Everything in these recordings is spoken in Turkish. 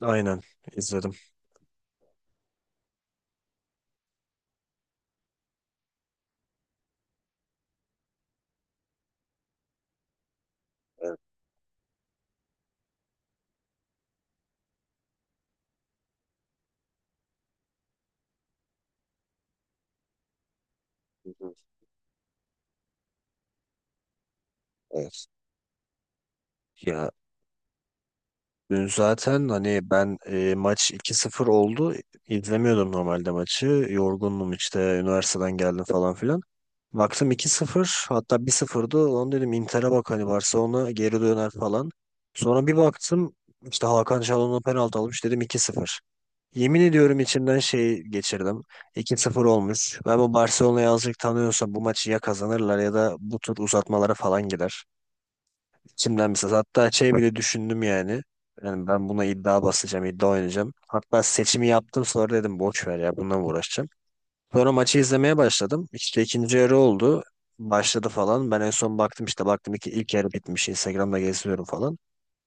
Aynen izledim. Evet. Hı hı. Evet. Ya dün zaten hani ben maç iki sıfır oldu. İzlemiyordum normalde maçı. Yorgundum işte, üniversiteden geldim falan filan. Baktım 2-0, hatta 1-0'dı. Onu dedim, Inter'e bak hani, Barcelona geri döner falan. Sonra bir baktım, işte Hakan Çalhanoğlu penaltı almış, dedim 2-0. Yemin ediyorum, içimden şey geçirdim. 2-0 olmuş. Ben bu Barcelona'yı azıcık tanıyorsam bu maçı ya kazanırlar ya da bu tur uzatmalara falan gider. İçimden bir ses. Hatta şey bile düşündüm yani. Yani ben buna iddia basacağım, iddia oynayacağım. Hatta seçimi yaptım, sonra dedim boş ver ya, bununla mı uğraşacağım. Sonra maçı izlemeye başladım. İşte ikinci yarı oldu. Başladı falan. Ben en son baktım, işte baktım ki ilk yarı bitmiş. Instagram'da geziyorum falan.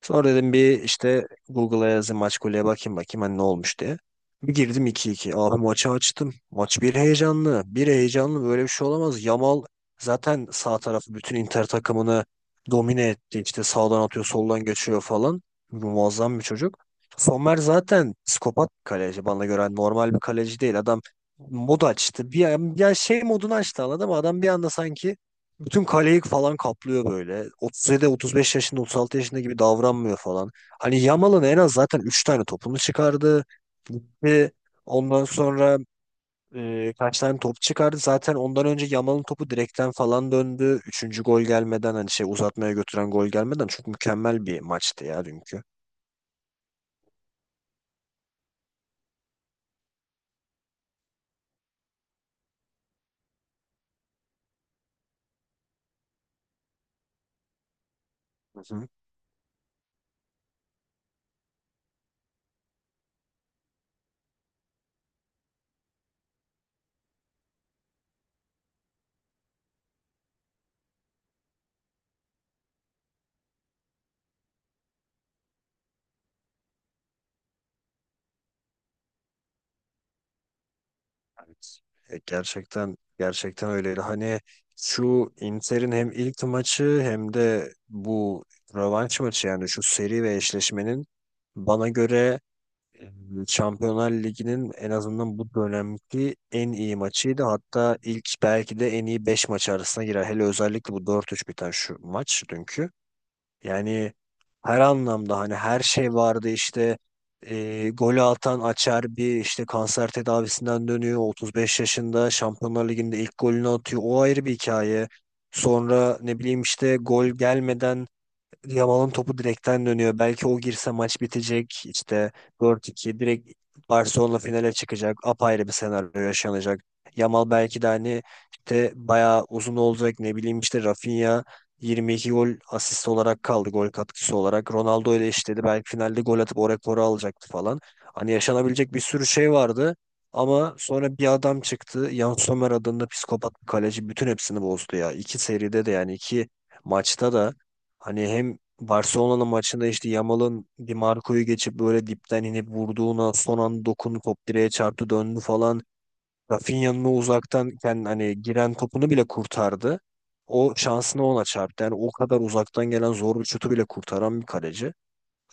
Sonra dedim bir işte Google'a yazayım, maç golüye bakayım bakayım hani ne olmuş diye. Bir girdim 2-2. Abi maçı açtım. Maç bir heyecanlı. Bir heyecanlı, böyle bir şey olamaz. Yamal zaten sağ tarafı bütün Inter takımını domine etti. İşte sağdan atıyor, soldan geçiyor falan. Muazzam bir çocuk. Sommer zaten psikopat bir kaleci. Bana göre hani normal bir kaleci değil. Adam mod açtı. Bir, ya şey modunu açtı, anladın mı? Adam bir anda sanki bütün kaleyi falan kaplıyor böyle. 37, 35 yaşında, 36 yaşında gibi davranmıyor falan. Hani Yamal'ın en az zaten 3 tane topunu çıkardı. Gitti. Ondan sonra kaç tane top çıkardı. Zaten ondan önce Yamal'ın topu direkten falan döndü. Üçüncü gol gelmeden, hani şey uzatmaya götüren gol gelmeden, çok mükemmel bir maçtı ya dünkü. Hı. Evet. E, gerçekten gerçekten öyleydi. Hani şu Inter'in hem ilk maçı hem de bu rövanş maçı, yani şu seri ve eşleşmenin bana göre e, Şampiyonlar Ligi'nin en azından bu dönemki en iyi maçıydı. Hatta ilk belki de en iyi 5 maç arasına girer. Hele özellikle bu 4-3 biten şu maç dünkü. Yani her anlamda hani her şey vardı işte, golü atan Açer bir işte kanser tedavisinden dönüyor, 35 yaşında Şampiyonlar Ligi'nde ilk golünü atıyor, o ayrı bir hikaye. Sonra ne bileyim işte gol gelmeden Yamal'ın topu direkten dönüyor. Belki o girse maç bitecek. İşte 4-2 direkt Barcelona finale çıkacak. Apayrı bir senaryo yaşanacak. Yamal belki de hani işte bayağı uzun olacak. Ne bileyim işte Rafinha 22 gol asist olarak kaldı. Gol katkısı olarak. Ronaldo ile eşitledi. Belki finalde gol atıp o rekoru alacaktı falan. Hani yaşanabilecek bir sürü şey vardı. Ama sonra bir adam çıktı. Yann Sommer adında psikopat bir kaleci bütün hepsini bozdu ya. İki seride de, yani iki maçta da, hani hem Barcelona'nın maçında işte Yamal'ın Di Marco'yu geçip böyle dipten inip vurduğuna son an dokunup top direğe çarptı, döndü falan. Rafinha'nın o uzaktan kendi hani giren topunu bile kurtardı. O şansını ona çarptı. Yani o kadar uzaktan gelen zor bir şutu bile kurtaran bir kaleci.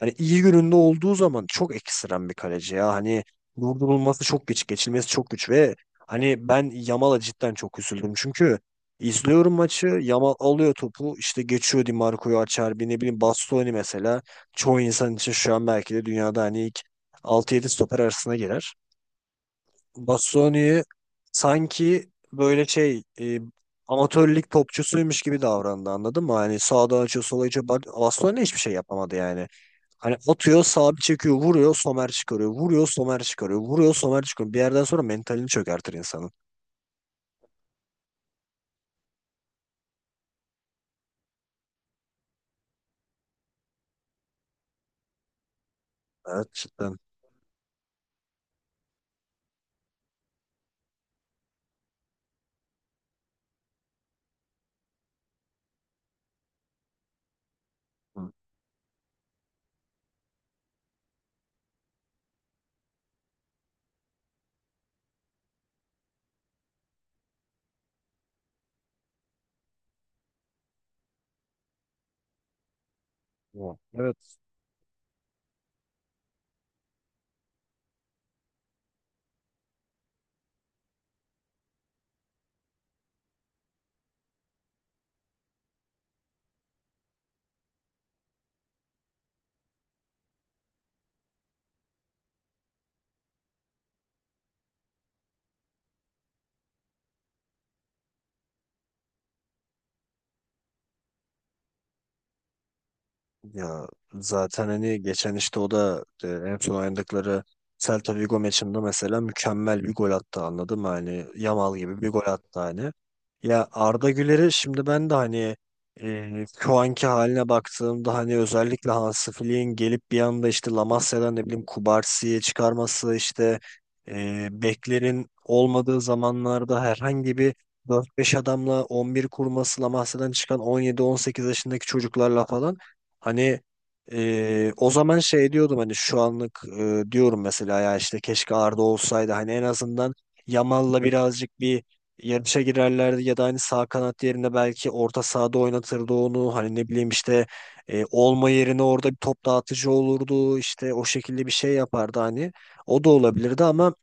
Hani iyi gününde olduğu zaman çok ekstrem bir kaleci ya. Hani durdurulması çok güç, geçilmesi çok güç ve hani ben Yamal'a cidden çok üzüldüm. Çünkü izliyorum maçı, Yamal alıyor topu, işte geçiyor Di Marco'yu, açar Acerbi, ne bileyim Bastoni mesela. Çoğu insan için şu an belki de dünyada hani ilk altı yedi stoper arasına girer. Bassoni'yi sanki böyle şey amatör lig topçusuymuş gibi davrandı, anladın mı? Hani sağdan açıyor, sola açıyor. Bak, Bassoni hiçbir şey yapamadı yani. Hani atıyor sağa, bir çekiyor vuruyor, somer çıkarıyor. Vuruyor, somer çıkarıyor. Vuruyor, somer çıkarıyor. Bir yerden sonra mentalini çökertir insanın. Evet, cidden. Hı. Evet. Ya zaten hani geçen işte o da en son oynadıkları Celta Vigo maçında mesela mükemmel bir gol attı, anladın mı? Hani Yamal gibi bir gol attı hani. Ya Arda Güler'i şimdi ben de hani, e, şu anki haline baktığımda hani, özellikle Hansi Flick'in gelip bir anda işte La Masia'dan ne bileyim Kubarsi'ye çıkarması işte, beklerin olmadığı zamanlarda herhangi bir dört beş adamla 11 kurması, La Masia'dan çıkan on yedi on sekiz yaşındaki çocuklarla falan. Hani o zaman şey diyordum, hani şu anlık diyorum mesela ya, işte keşke Arda olsaydı hani en azından Yamal'la birazcık bir yarışa girerlerdi, ya da hani sağ kanat yerine belki orta sahada oynatırdı onu, hani ne bileyim işte, olma yerine orada bir top dağıtıcı olurdu, işte o şekilde bir şey yapardı hani, o da olabilirdi ama...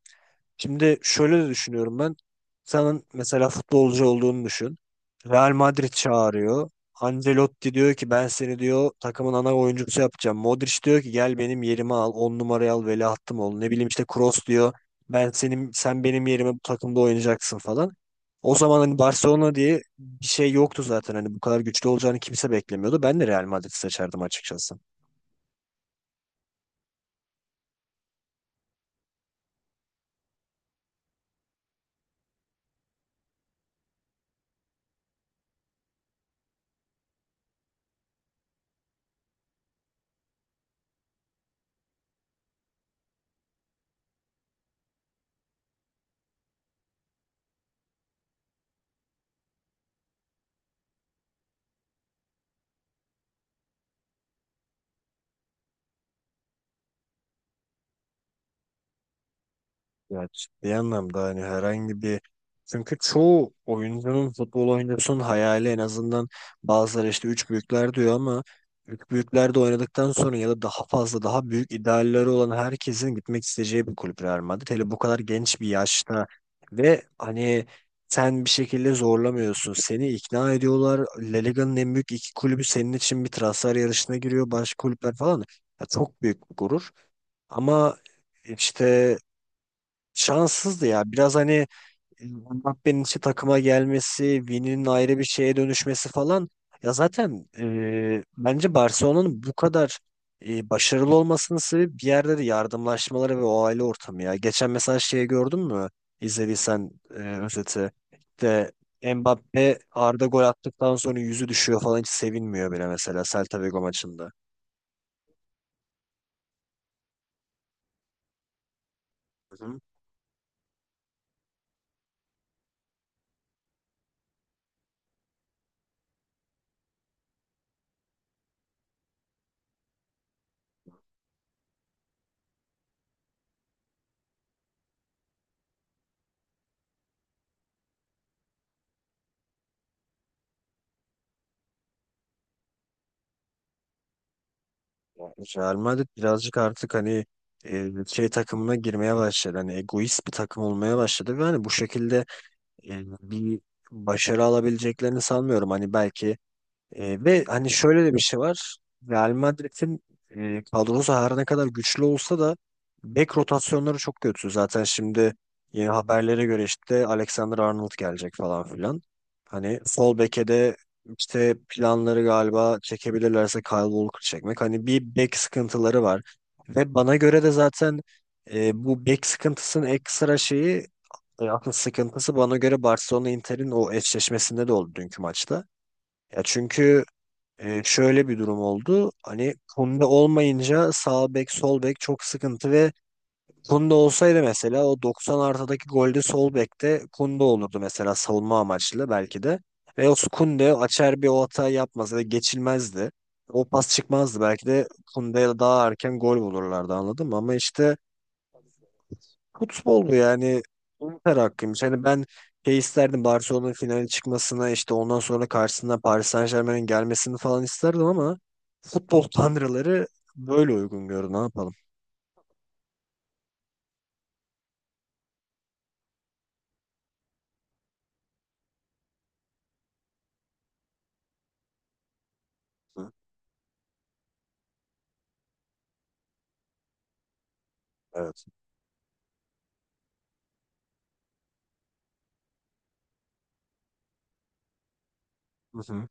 Şimdi şöyle de düşünüyorum ben. Senin mesela futbolcu olduğunu düşün. Real Madrid çağırıyor. Ancelotti diyor ki, ben seni diyor takımın ana oyuncusu yapacağım. Modric diyor ki, gel benim yerimi al, 10 numarayı al, veliahtım ol. Ne bileyim işte Kroos diyor, ben senin, sen benim yerime bu takımda oynayacaksın falan. O zaman hani Barcelona diye bir şey yoktu zaten. Hani bu kadar güçlü olacağını kimse beklemiyordu. Ben de Real Madrid seçerdim açıkçası. Ya ciddi anlamda hani herhangi bir, çünkü çoğu oyuncunun, futbol oyuncusunun hayali en azından, bazıları işte üç büyükler diyor ama, üç büyüklerde oynadıktan sonra ya da daha fazla, daha büyük idealleri olan herkesin gitmek isteyeceği bir kulüp Real Madrid. Hele bu kadar genç bir yaşta, ve hani sen bir şekilde zorlamıyorsun. Seni ikna ediyorlar. La Liga'nın en büyük iki kulübü senin için bir transfer yarışına giriyor. Başka kulüpler falan. Ya çok büyük bir gurur. Ama işte şanssızdı ya. Biraz hani Mbappe'nin işte takıma gelmesi, Vini'nin ayrı bir şeye dönüşmesi falan. Ya zaten bence Barcelona'nın bu kadar başarılı olmasının sebebi bir yerde de yardımlaşmaları ve o aile ortamı ya. Geçen mesela şeyi gördün mü? İzlediysen özeti. De Mbappe, Arda gol attıktan sonra yüzü düşüyor falan, hiç sevinmiyor bile mesela Celta Vigo maçında. Hı hı. Yani Real Madrid birazcık artık hani şey takımına girmeye başladı. Hani egoist bir takım olmaya başladı ve hani bu şekilde bir başarı alabileceklerini sanmıyorum. Hani belki ve hani şöyle de bir şey var. Real Madrid'in kadrosu her ne kadar güçlü olsa da bek rotasyonları çok kötü. Zaten şimdi yeni haberlere göre işte Alexander Arnold gelecek falan filan. Hani sol beke de işte planları galiba çekebilirlerse Kyle Walker çekmek. Hani bir bek sıkıntıları var. Ve bana göre de zaten bu bek sıkıntısının ekstra şeyi, asıl sıkıntısı bana göre Barcelona Inter'in o eşleşmesinde de oldu dünkü maçta. Ya çünkü şöyle bir durum oldu. Hani Kunde olmayınca sağ bek sol bek çok sıkıntı ve Kunde olsaydı mesela o 90 artıdaki golde sol bekte Kunde olurdu mesela, savunma amaçlı belki de. Ve o Kunde açar, bir o hata yapmaz ve geçilmezdi. O pas çıkmazdı belki de, Kunde'ye daha erken gol bulurlardı, anladın mı? Ama işte futbol yani, umutlar hakkıymış. Hani ben şey isterdim, Barcelona'nın finale çıkmasına işte, ondan sonra karşısına Paris Saint-Germain'in gelmesini falan isterdim ama futbol tanrıları böyle uygun gördü. Ne yapalım? Hı. Evet. Hı hı.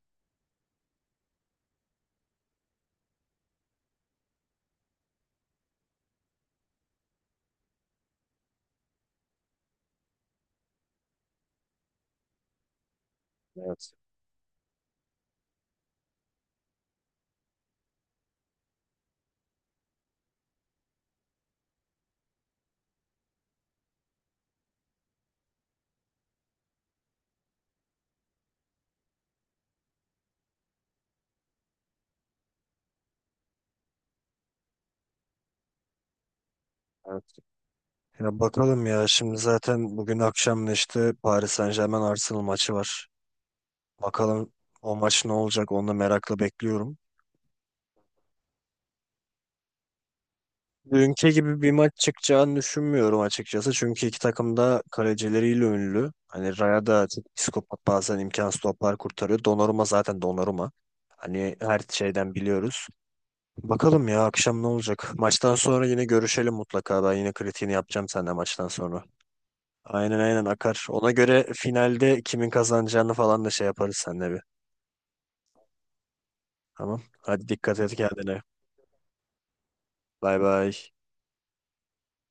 Evet. Evet. Ya bakalım ya, şimdi zaten bugün akşam da işte Paris Saint-Germain Arsenal maçı var. Bakalım o maç ne olacak, onu da merakla bekliyorum. Dünkü gibi bir maç çıkacağını düşünmüyorum açıkçası. Çünkü iki takım da kalecileriyle ünlü. Hani Raya da çok psikopat, bazen imkansız toplar kurtarıyor. Donnarumma zaten Donnarumma. Hani her şeyden biliyoruz. Bakalım ya akşam ne olacak. Maçtan sonra yine görüşelim mutlaka. Ben yine kritiğini yapacağım senden maçtan sonra. Aynen aynen akar. Ona göre finalde kimin kazanacağını falan da şey yaparız seninle bir. Tamam. Hadi dikkat et kendine. Bay bay.